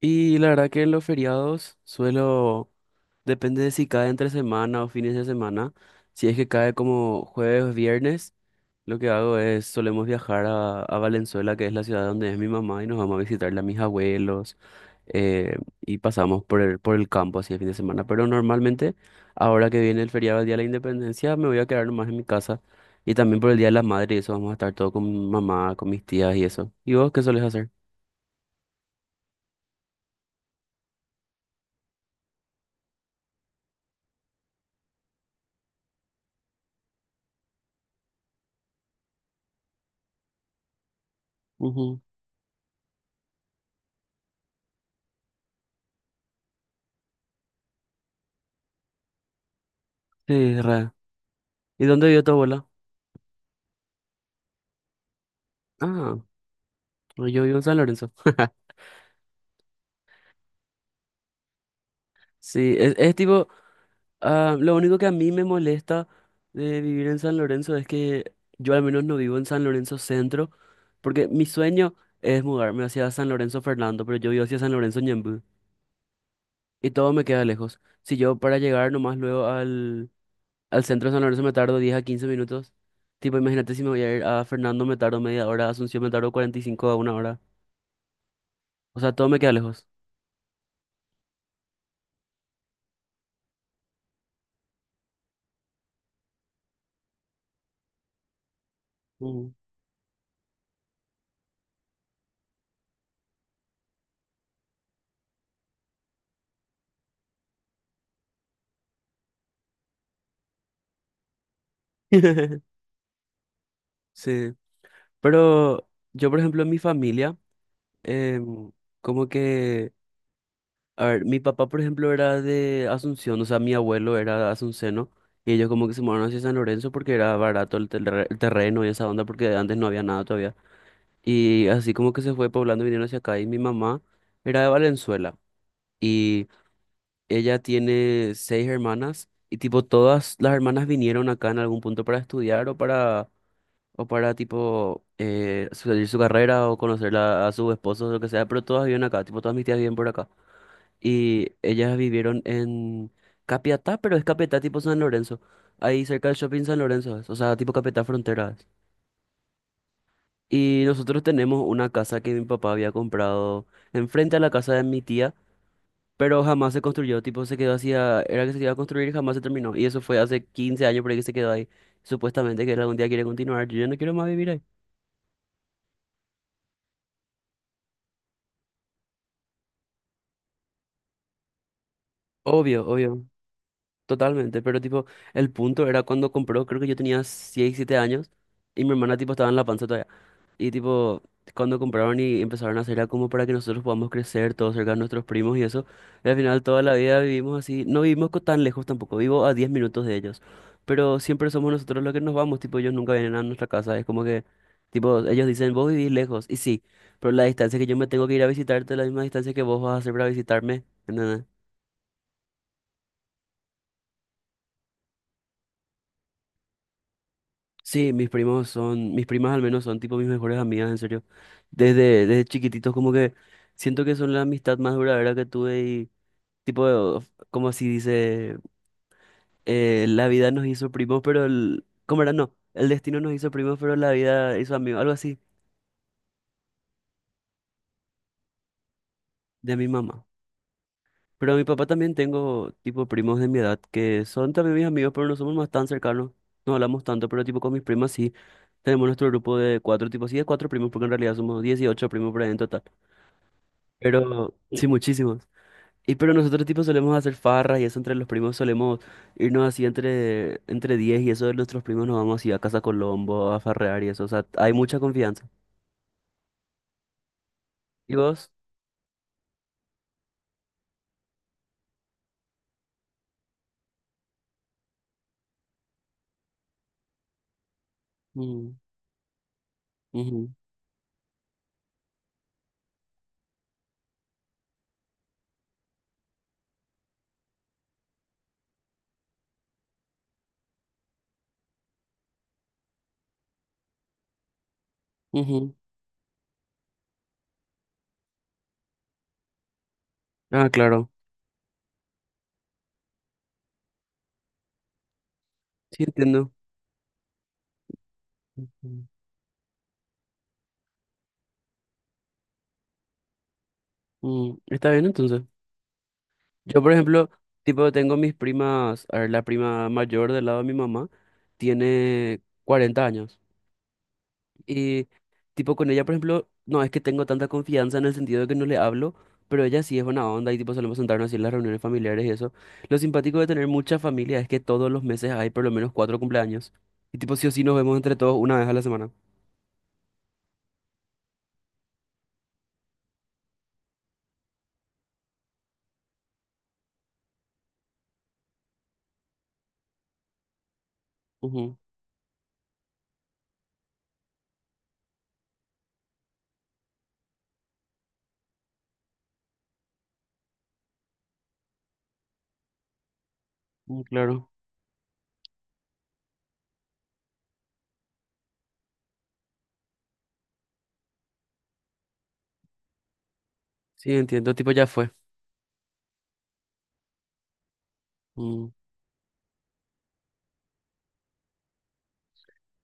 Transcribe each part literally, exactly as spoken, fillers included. Y la verdad que en los feriados suelo, depende de si cae entre semana o fines de semana. Si es que cae como jueves o viernes, lo que hago es solemos viajar a, a Valenzuela, que es la ciudad donde es mi mamá, y nos vamos a visitarle a mis abuelos eh, y pasamos por el, por el campo así el fin de semana. Pero normalmente, ahora que viene el feriado del Día de la Independencia, me voy a quedar nomás en mi casa. Y también por el Día de la Madre, y eso vamos a estar todo con mi mamá, con mis tías y eso. ¿Y vos qué sueles hacer? Ujú. Sí, re. ¿Y dónde vive tu abuela? Ah, pues yo vivo en San Lorenzo. Sí, es, es tipo, ah, lo único que a mí me molesta de vivir en San Lorenzo es que yo al menos no vivo en San Lorenzo Centro, porque mi sueño es mudarme hacia San Lorenzo Fernando, pero yo vivo hacia San Lorenzo Ñemby y todo me queda lejos. Si yo para llegar nomás luego al, al centro de San Lorenzo me tardo diez a quince minutos, tipo imagínate si me voy a ir a Fernando me tardo media hora, a Asunción me tardo cuarenta y cinco a una hora, o sea, todo me queda lejos. Ujú. Sí. Pero yo, por ejemplo, en mi familia, em, como que, a ver, mi papá, por ejemplo, era de Asunción, o sea, mi abuelo era asunceno, y ellos como que se mudaron hacia San Lorenzo porque era barato el, terre- el terreno y esa onda, porque antes no había nada todavía. Y así como que se fue poblando, vinieron hacia acá, y mi mamá era de Valenzuela, y ella tiene seis hermanas, y tipo todas las hermanas vinieron acá en algún punto para estudiar o para o para tipo eh, seguir su carrera o conocerla a su esposo o lo que sea, pero todas viven acá, tipo todas mis tías viven por acá. Y ellas vivieron en Capiatá, pero es Capiatá tipo San Lorenzo, ahí cerca del shopping San Lorenzo, es, o sea, tipo Capiatá Frontera. Es. Y nosotros tenemos una casa que mi papá había comprado enfrente a la casa de mi tía, pero jamás se construyó, tipo se quedó así, a- era que se iba a construir y jamás se terminó. Y eso fue hace quince años por ahí que se quedó ahí. Supuestamente que él algún día quiere continuar, yo ya no quiero más vivir ahí. Obvio, obvio. Totalmente, pero tipo, el punto era cuando compró, creo que yo tenía seis, siete años y mi hermana tipo estaba en la panza todavía. Y tipo, cuando compraron y empezaron a hacer era como para que nosotros podamos crecer todos cerca de nuestros primos y eso. Y al final toda la vida vivimos así, no vivimos co- tan lejos tampoco, vivo a diez minutos de ellos. Pero siempre somos nosotros los que nos vamos, tipo, ellos nunca vienen a nuestra casa, es como que, tipo, ellos dicen, vos vivís lejos, y sí, pero la distancia que yo me tengo que ir a visitarte es la misma distancia que vos vas a hacer para visitarme. Sí, mis primos son, mis primas al menos son tipo mis mejores amigas, en serio. Desde, desde chiquititos como que siento que son la amistad más duradera que tuve y tipo, of- como así dice, eh, la vida nos hizo primos, pero el, ¿cómo era? No, el destino nos hizo primos, pero la vida hizo amigos, algo así, de mi mamá. Pero a mi papá también tengo tipo primos de mi edad que son también mis amigos, pero no somos más tan cercanos, no hablamos tanto, pero tipo con mis primas sí. Tenemos nuestro grupo de cuatro, tipo sí, de cuatro primos, porque en realidad somos dieciocho primos por ahí en total. Pero sí, muchísimos. Y pero nosotros tipo solemos hacer farras y eso entre los primos solemos irnos así entre entre diez y eso de nuestros primos nos vamos así a Casa Colombo a farrear y eso, o sea, hay mucha confianza. ¿Y vos? Mm, ujú, ujú. Ah, claro. Sí, entiendo. Ujú. Mm, está bien entonces. Yo, por ejemplo, tipo tengo mis primas, a ver, la prima mayor del lado de mi mamá tiene cuarenta años. Y tipo con ella, por ejemplo, no es que tengo tanta confianza en el sentido de que no le hablo, pero ella sí es buena onda y tipo solemos sentarnos así en las reuniones familiares y eso. Lo simpático de tener mucha familia es que todos los meses hay por lo menos cuatro cumpleaños. Y tipo sí o sí nos vemos entre todos una vez a la semana. Ujú, mm, claro. Sí, entiendo, tipo ya fue. Mm.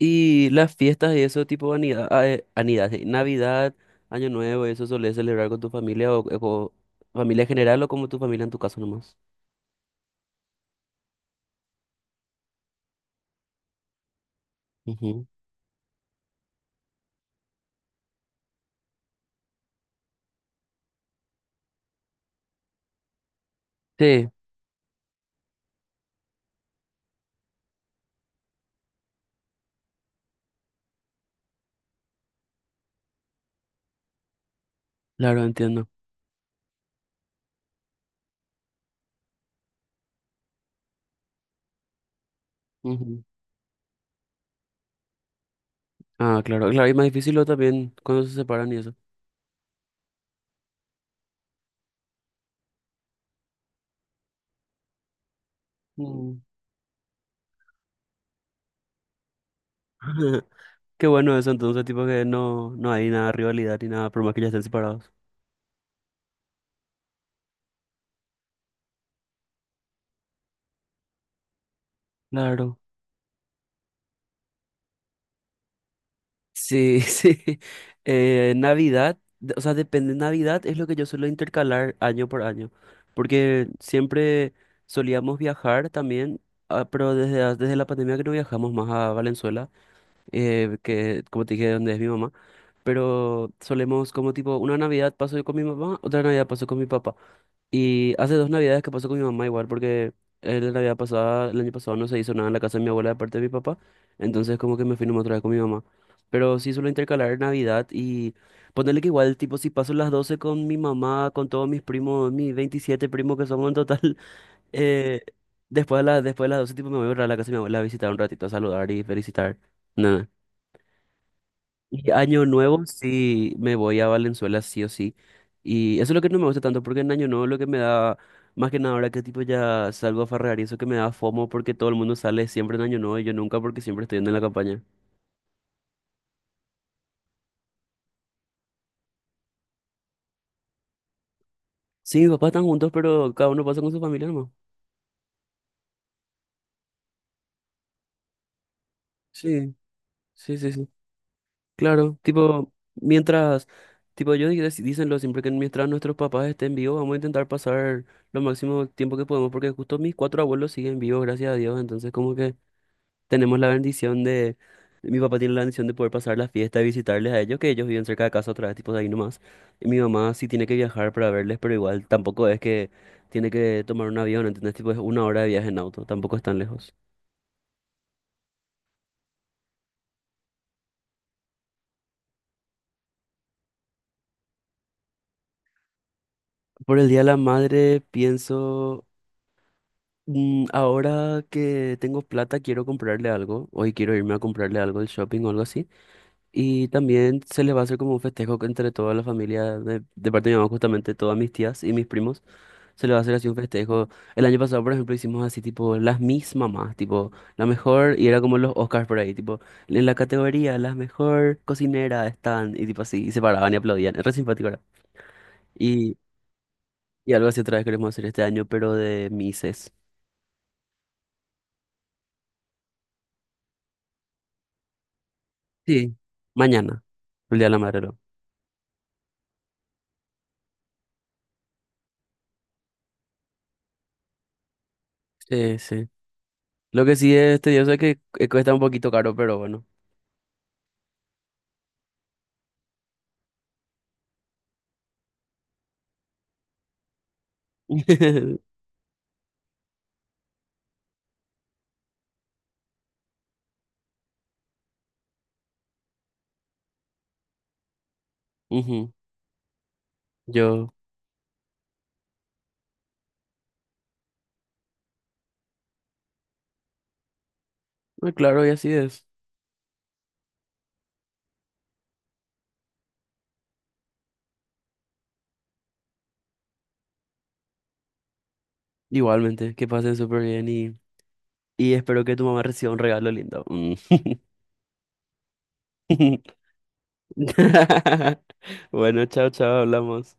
Y las fiestas y eso, tipo anida, ah, eh, anida, sí, Navidad, Año Nuevo, eso solés celebrar con tu familia o, eh, o familia en general o como tu familia en tu caso nomás. Ujú. Sí, claro, entiendo. Ujú. Ah, claro, claro, y más difícil lo también cuando se separan y eso. Mm. Qué bueno eso, entonces, tipo que no, no hay nada de rivalidad ni nada, por más que ya estén separados. Claro. Sí, sí. Eh, Navidad, de- o sea, depende. Navidad es lo que yo suelo intercalar año por año, porque siempre solíamos viajar también, ah, pero desde, a- desde la pandemia que no viajamos más a Valenzuela, eh, que como te dije, donde es mi mamá. Pero solemos como tipo, una Navidad paso yo con mi mamá, otra Navidad paso con mi papá. Y hace dos Navidades que paso con mi mamá igual, porque eh, la Navidad pasada, el año pasado no se hizo nada en la casa de mi abuela de parte de mi papá, entonces como que me fui nomás otra vez con mi mamá. Pero sí suelo intercalar Navidad y ponerle que igual, tipo, si paso las doce con mi mamá, con todos mis primos, mis veintisiete primos que somos en total, eh, después de, la- después de las doce tipo me voy a ir a la casa de mi abuela a visitar un ratito, a saludar y felicitar. No, y Año Nuevo sí me voy a Valenzuela sí o sí. Y eso es lo que no me gusta tanto, porque en Año Nuevo lo que me da, más que nada ahora que tipo ya salgo a farrear y eso que me da FOMO porque todo el mundo sale siempre en Año Nuevo y yo nunca porque siempre estoy yendo en la campaña. Sí, mis papás están juntos, pero cada uno pasa con su familia nomás. Sí, sí, sí, sí. Claro, tipo, mientras, tipo, yo di- dec- dicenlo siempre que mientras nuestros papás estén vivos, vamos a intentar pasar lo máximo tiempo que podemos, porque justo mis cuatro abuelos siguen vivos, gracias a Dios, entonces como que... tenemos la bendición de, mi papá tiene la bendición de poder pasar la fiesta y visitarles a ellos, que ellos viven cerca de casa otra vez, tipo de ahí nomás. Y mi mamá sí tiene que viajar para verles, pero igual tampoco es que tiene que tomar un avión, ¿entendés? Tipo, es una hora de viaje en auto, tampoco es tan lejos. Por el Día de la Madre pienso, mm, ahora que tengo plata quiero comprarle algo, hoy quiero irme a comprarle algo del shopping o algo así. Y también se les va a hacer como un festejo que entre toda la familia, de, de parte de mi mamá, justamente todas mis tías y mis primos. Se le va a hacer así un festejo. El año pasado, por ejemplo, hicimos así, tipo, las mis mamás, tipo, la mejor, y era como los Oscars por ahí, tipo, en la categoría, las mejor cocinera están, y tipo así, y se paraban y aplaudían. Es re simpático, ¿verdad? Y, y algo así otra vez queremos hacer este año, pero de mises. Sí, mañana, el Día de la Madre, ¿no? Sí, sí. Lo que sí es tedioso es que eh, cuesta un poquito caro, pero bueno. Ujú, Yo, eh, claro, y así es. Igualmente, que pasen súper bien y... Y espero que tu mamá reciba un regalo lindo. Mm. Bueno, chao, chao, hablamos.